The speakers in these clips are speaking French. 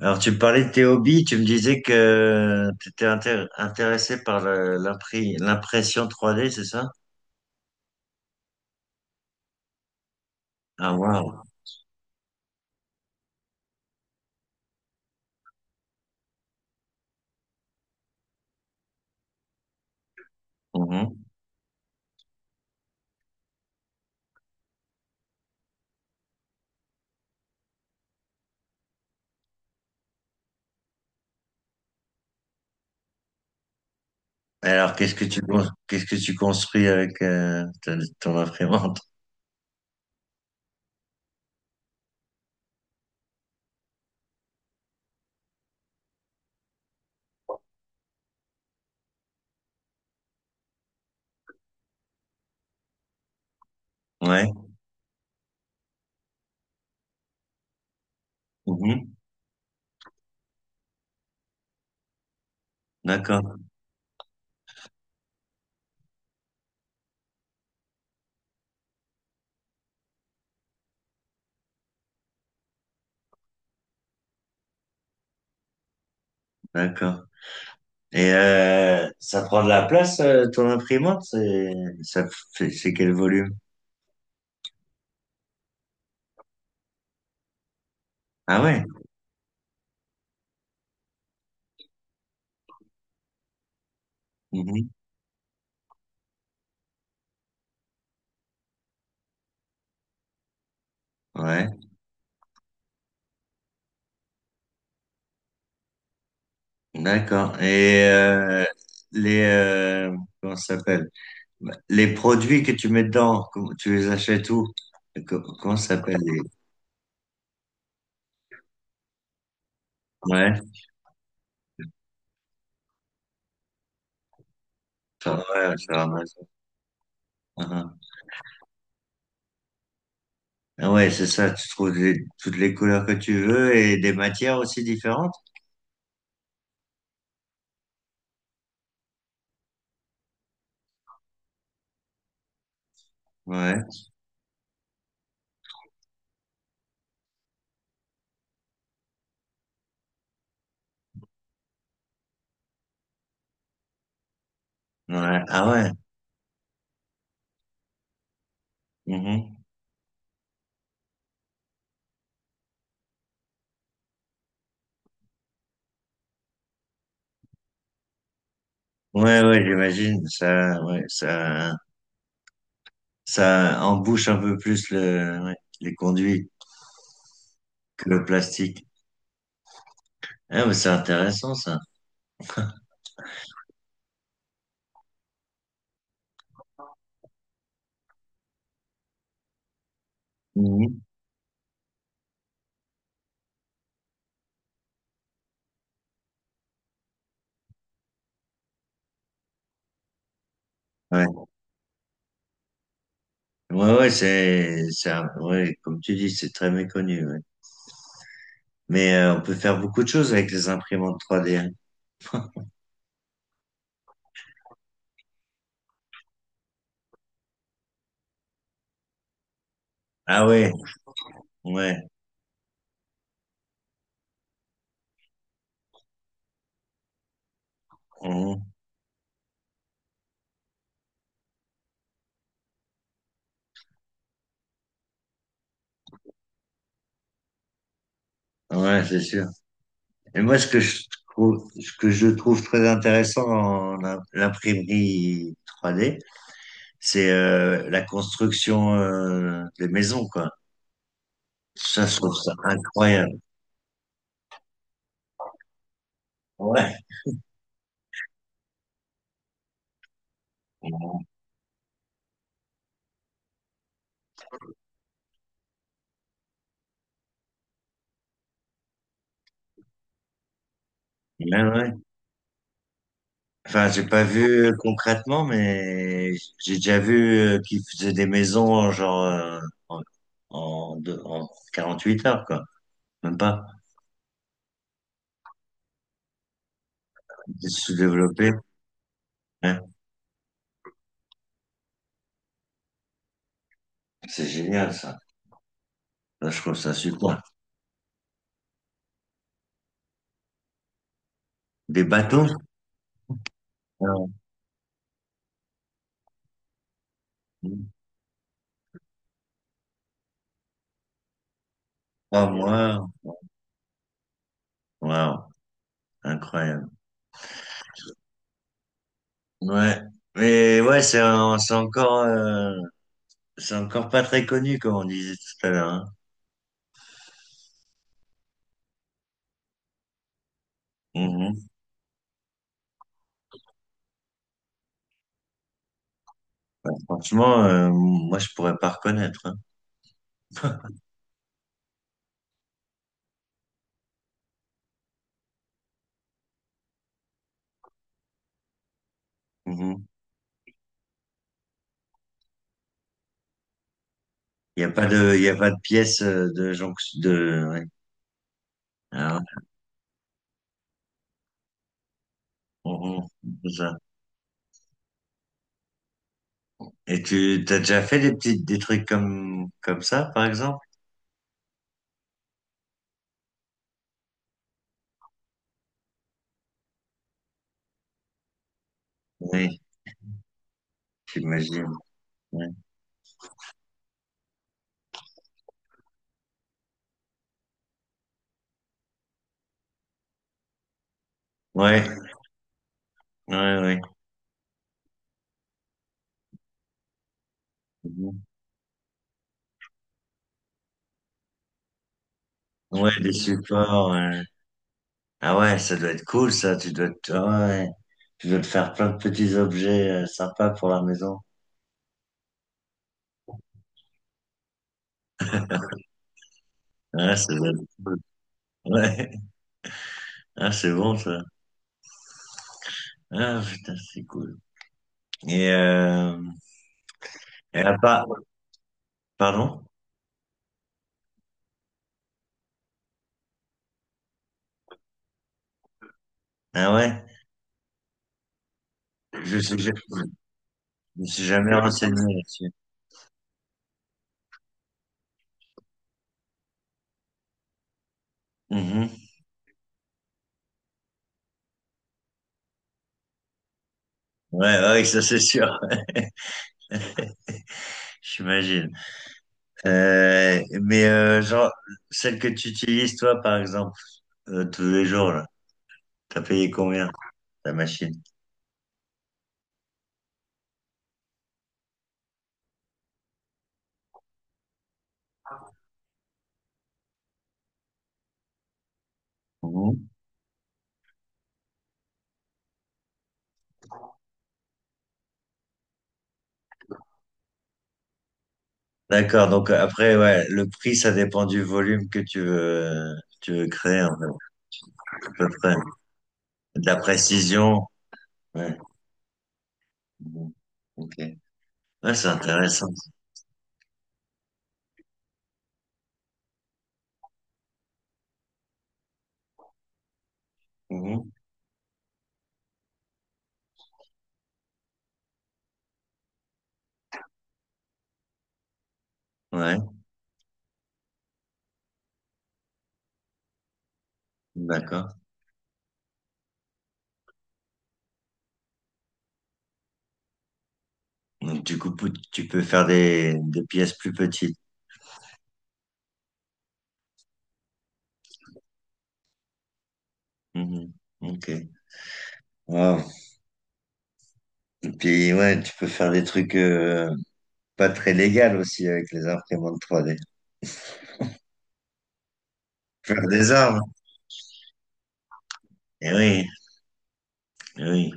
Alors, tu me parlais de tes hobbies, tu me disais que tu étais intéressé par l'impression trois d, c'est ça? Ah, waouh. Mhm. Alors, qu'est-ce que qu'est-ce que tu construis avec ton imprimante? Ouais. Mhm. D'accord, d'accord. Et ça prend de la place, ton imprimante? Ça, c'est quel volume? Ah ouais. Mhm. Ouais, d'accord. Et les, comment ça s'appelle? Les produits que tu mets dedans, tu les achètes où? Comment ça s'appelle les... Ouais, ça, ouais, sur Amazon. Ah, ah. Ah ouais, c'est ça, tu trouves toutes les couleurs que tu veux et des matières aussi différentes? Ouais, ouais, ah ouais. Mhm. Ouais, ouais, j'imagine, ça, ouais, ça embouche un peu plus le, ouais, les conduits que le plastique. Ah, mais c'est intéressant, ça. Mhm. Ouais, ouais, ouais, comme tu dis, c'est très méconnu, ouais. Mais on peut faire beaucoup de choses avec les imprimantes 3D, hein. Ah ouais, ouais, mhm. Ouais, c'est sûr. Et moi, ce que je trouve très intéressant en l'imprimerie 3D, c'est la construction des maisons, quoi. Ça, je trouve ça incroyable. Ouais, ouais, ouais. Enfin, j'ai pas vu concrètement, mais j'ai déjà vu qu'ils faisaient des maison genre en, en 48 heures, quoi. Même pas. C'est sous-développé, hein. C'est génial, ça. Là, je trouve ça super. Des bateaux? Ah, Trois mois. Waouh, incroyable. Ouais. Mais ouais, c'est encore pas très connu, comme on disait tout à l'heure, hein. Mhm. Ouais, franchement, moi, je pourrais pas reconnaître, hein. Mhm. Il y a pas de pièce ouais. Ah, mhm. C'est ça. Et t'as déjà fait des petites, des trucs comme, comme ça, par exemple? Oui, j'imagine. Ouais. Ouais. Ouais, ouais. Mhm. Ouais, des supports, ouais. Ah ouais, ça doit être cool, ça. Tu dois te... ah ouais. Tu dois te faire plein de petits objets sympas pour la maison. Ouais, ça doit être cool. Ouais. Ah, c'est bon, ça. Ah, putain, c'est cool. Et, euh... et à part... Pardon? Ah ouais? Je me suis jamais renseigné là-dessus. Mhm. Ouais, ouais, ça c'est sûr, j'imagine. Mais genre, celle que tu utilises toi, par exemple, tous les jours, là, t'as payé combien? La machine. Mhm. D'accord, donc après, ouais, le prix, ça dépend du volume que tu veux créer, en fait, à peu près. De la précision. Ouais. Mhm. Ok. Ouais, c'est intéressant. Mhm. Ouais, d'accord. Donc, du coup, tu peux faire des pièces plus petites. Mhm. Ok. Wow. Et puis, ouais, tu peux faire des trucs pas très légaux aussi avec les imprimantes 3D. Faire des armes. Eh oui, eh oui,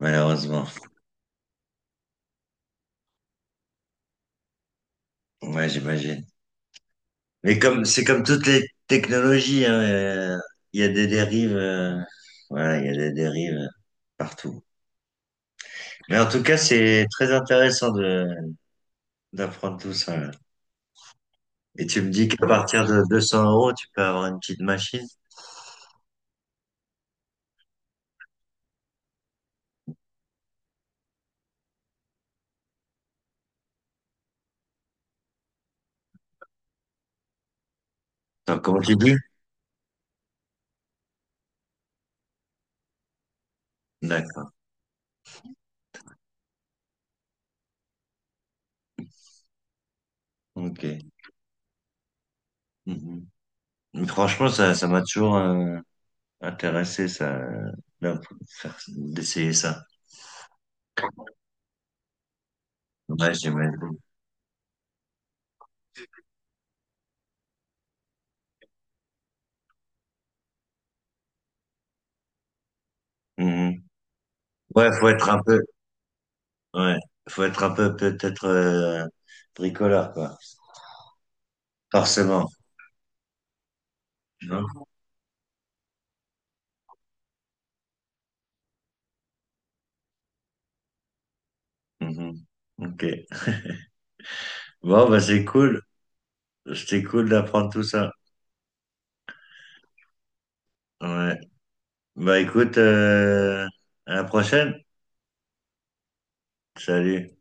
malheureusement. Ouais, j'imagine. Mais comme c'est comme toutes les technologies, hein, il y a des dérives, voilà, il y a des dérives partout. Mais en tout cas, c'est très intéressant de d'apprendre tout ça, là. Et tu me dis qu'à partir de 200 euros, tu peux avoir une petite machine. Attends, comment tu dis? D'accord. Ok. Mhm. Mais franchement, ça m'a toujours intéressé, ça, d'en- d'essayer ça. Ouais, j'imagine. Mhm. Ouais, faut être un peu, ouais, faut être un peu peut-être bricoleur, quoi. Forcément, hein. Mhm. Ok. Bon, bah c'est cool. C'était cool d'apprendre tout ça. Ouais. Bah écoute, à la prochaine. Salut.